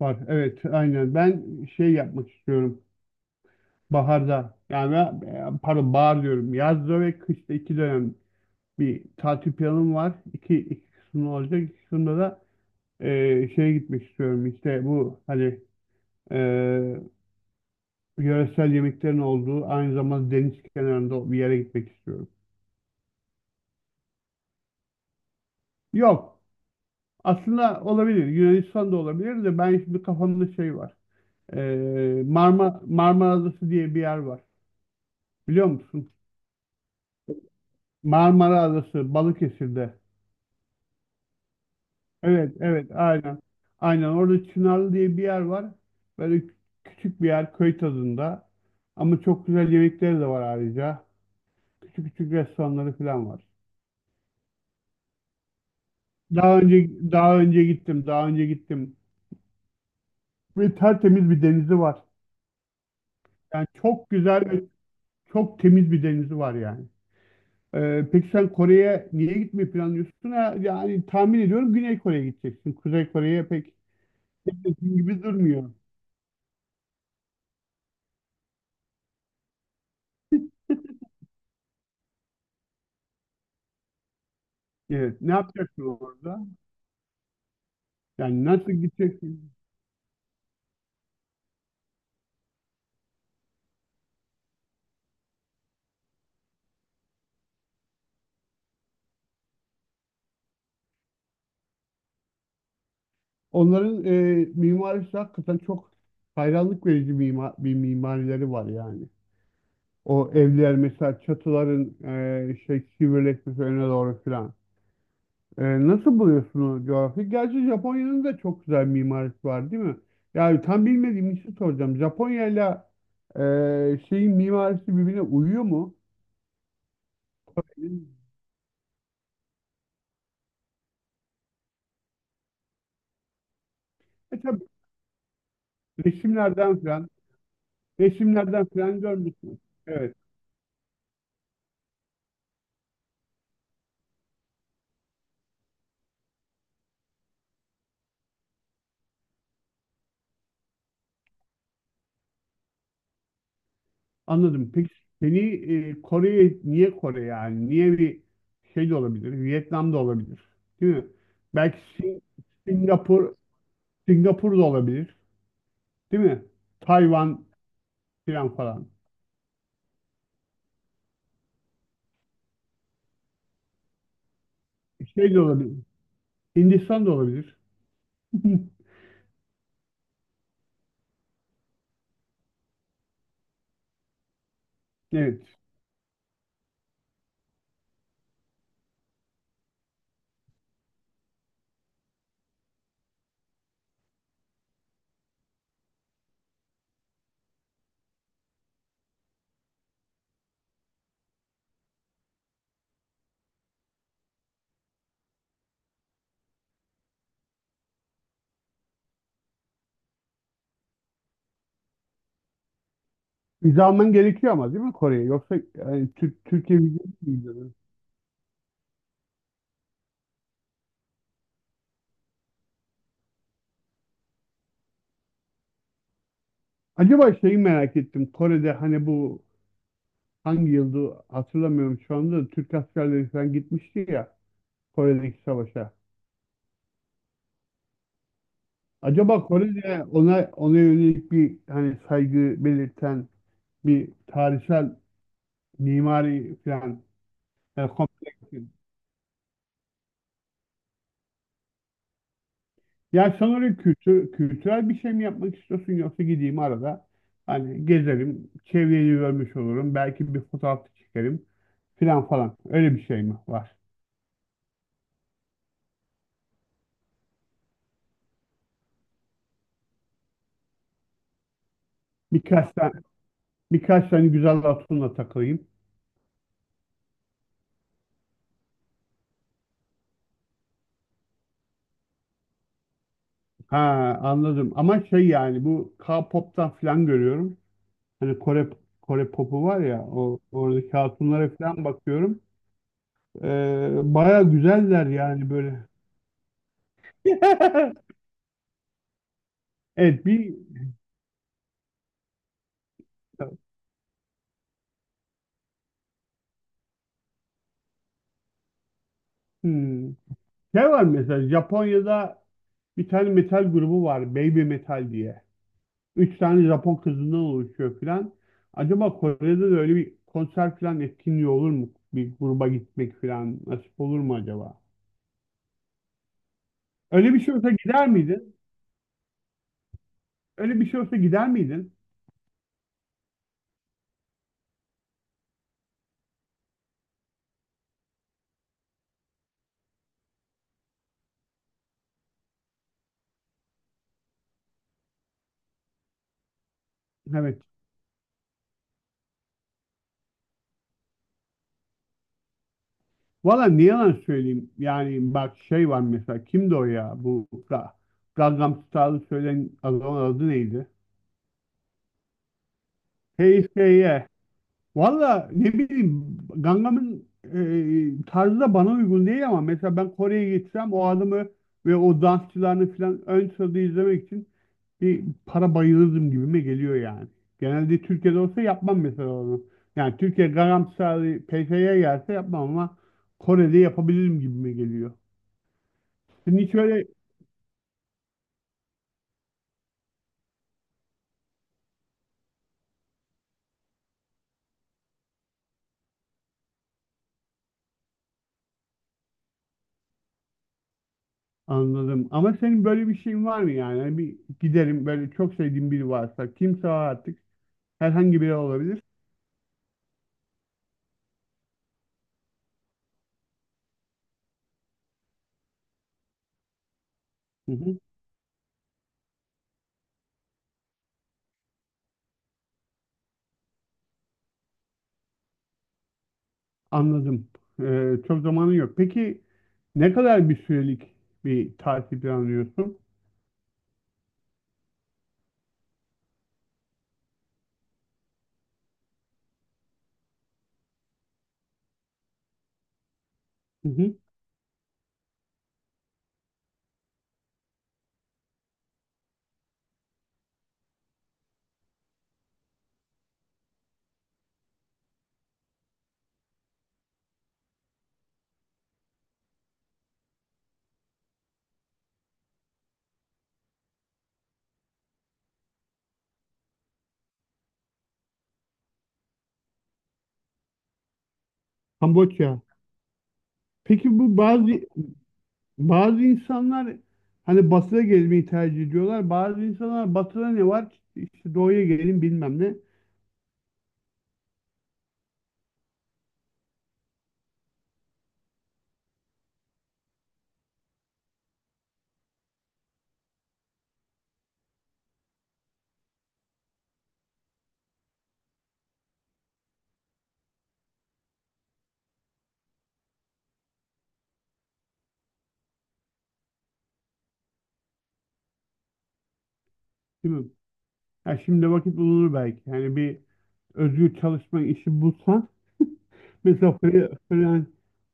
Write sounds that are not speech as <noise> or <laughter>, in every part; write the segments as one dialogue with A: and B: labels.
A: Var. Evet, aynen. Ben şey yapmak istiyorum. Baharda pardon bahar diyorum. Yazda ve kışta iki dönem bir tatil planım var. İki kısımda olacak. İki kısımda da şeye gitmek istiyorum. İşte bu hani e, yöresel yemeklerin olduğu aynı zamanda deniz kenarında bir yere gitmek istiyorum. Yok. Aslında olabilir. Yunanistan da olabilir de ben şimdi kafamda şey var. Marmara Adası diye bir yer var. Biliyor musun? Marmara Adası Balıkesir'de. Evet, evet, aynen. Aynen orada Çınarlı diye bir yer var. Böyle küçük bir yer köy tadında. Ama çok güzel yemekleri de var ayrıca. Küçük küçük restoranları falan var. Daha önce gittim. Ve tertemiz bir denizi var. Yani çok güzel ve çok temiz bir denizi var yani. Peki sen Kore'ye niye gitmeyi planlıyorsun? Ha, yani tahmin ediyorum Güney Kore'ye gideceksin. Kuzey Kore'ye pek gittiğin gibi durmuyor. Evet. Ne yapacaksın orada? Yani nasıl gideceksin? Onların mimarisi hakikaten çok hayranlık verici bir mimarileri var yani. O evler mesela çatıların şey sivrileşmesi öne doğru filan. Nasıl buluyorsun o coğrafyayı? Gerçi Japonya'nın da çok güzel mimarisi var değil mi? Yani tam bilmediğim için soracağım. Japonya'yla e, şeyin mimarisi birbirine uyuyor mu? E tabii resimlerden falan, resimlerden falan görmüşsün. Evet, anladım. Peki seni Kore'ye, niye Kore yani? Niye bir şey de olabilir, Vietnam da olabilir, değil mi? Belki Singapur, Singapur da olabilir, değil mi? Tayvan falan falan. Şey de olabilir. Hindistan da olabilir. <laughs> Evet. Vize alman gerekiyor ama değil mi Kore'ye? Yoksa yani, Türkiye vizesi mi gidiyor? Acaba şeyi merak ettim. Kore'de hani bu hangi yıldı hatırlamıyorum şu anda, da Türk askerleri falan gitmişti ya Kore'deki savaşa. Acaba Kore'de ona yönelik bir hani saygı belirten bir tarihsel mimari falan yani kompleks. Ya sanırım kültürel bir şey mi yapmak istiyorsun yoksa gideyim arada hani gezerim, çevreyi görmüş olurum, belki bir fotoğraf da çekerim filan falan. Öyle bir şey mi var? Birkaç tane, birkaç tane güzel hatunla takılayım. Ha, anladım ama şey yani bu K-pop'tan filan görüyorum. Hani Kore popu var ya o oradaki hatunlara filan bakıyorum. Baya güzeller yani böyle. <laughs> Evet, bir hmm, şey var mesela Japonya'da. Bir tane metal grubu var, Baby Metal diye. Üç tane Japon kızından oluşuyor filan. Acaba Kore'de de öyle bir konser filan etkinliği olur mu? Bir gruba gitmek filan nasip olur mu acaba? Öyle bir şey olsa gider miydin? Öyle bir şey olsa gider miydin? Evet. Valla ne yalan söyleyeyim. Yani bak şey var mesela. Kimdi o ya? Bu Gangnam Style'ı söyleyen adamın adı neydi? HSY. Valla ne bileyim Gangnam'ın tarzı da bana uygun değil ama mesela ben Kore'ye gitsem o adamı ve o dansçılarını falan ön sırada izlemek için bir para bayılırdım gibime geliyor yani. Genelde Türkiye'de olsa yapmam mesela onu. Yani Türkiye Gangnam Style'ı PT'ye gelse yapmam ama Kore'de yapabilirim gibime geliyor. Senin hiç öyle anladım. Ama senin böyle bir şeyin var mı yani? Hani bir giderim böyle çok sevdiğim biri varsa kimse o artık herhangi biri olabilir. Anladım. Çok zamanın yok. Peki ne kadar bir sürelik bir tatil planlıyorsun? Hı hı. Kamboçya. Peki bu bazı bazı insanlar hani batıda gezmeyi tercih ediyorlar. Bazı insanlar batıda ne var? İşte doğuya gelin bilmem ne. Değil mi? Ya şimdi vakit bulunur belki. Yani bir özgür çalışma işi bulsan. Mesela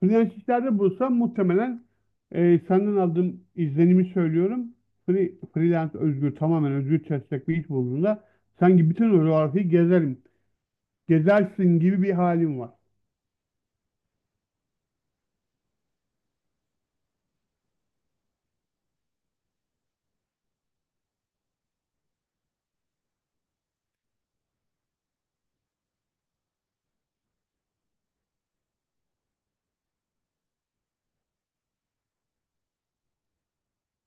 A: freelance'lerde bulsam muhtemelen senden aldığım izlenimi söylüyorum. Freelance özgür, tamamen özgür çalışacak bir iş bulduğunda sanki bütün o coğrafyayı gezerim. Gezersin gibi bir halim var.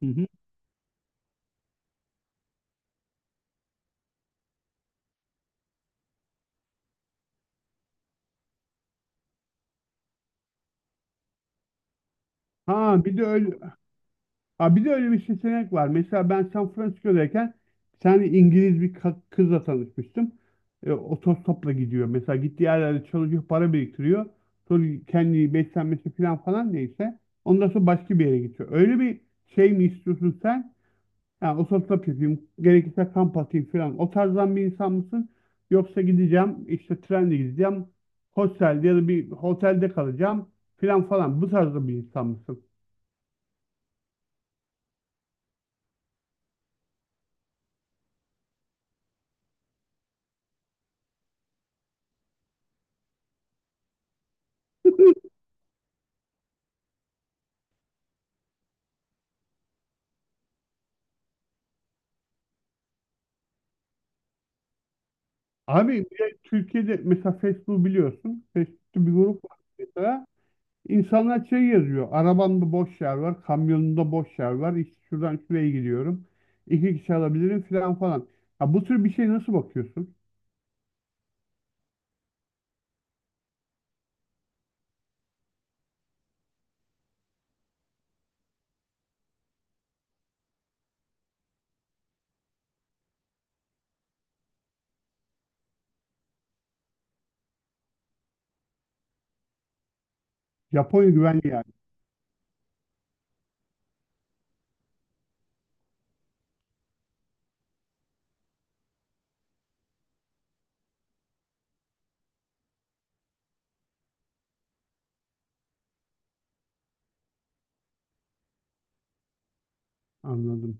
A: Hı hı. Ha bir de öyle, Ha bir de öyle bir seçenek var. Mesela ben San Francisco'dayken bir tane İngiliz bir kızla tanışmıştım. Otostopla gidiyor. Mesela gittiği yerlerde çalışıyor, para biriktiriyor. Sonra kendi beslenmesi falan falan neyse. Ondan sonra başka bir yere gidiyor. Öyle bir şey mi istiyorsun sen? Yani otostop yapayım, gerekirse kamp atayım falan. O tarzdan bir insan mısın? Yoksa gideceğim, işte trenle gideceğim, hostelde ya da bir otelde kalacağım falan falan. Bu tarzda bir insan mısın? Abi bir de Türkiye'de mesela Facebook biliyorsun. Facebook'ta bir grup var mesela. İnsanlar şey yazıyor. Arabamda boş yer var. Kamyonumda boş yer var. İşte şuradan şuraya gidiyorum. İki kişi alabilirim falan falan. Ha, bu tür bir şey nasıl bakıyorsun? Japonya güvenli yani. Anladım.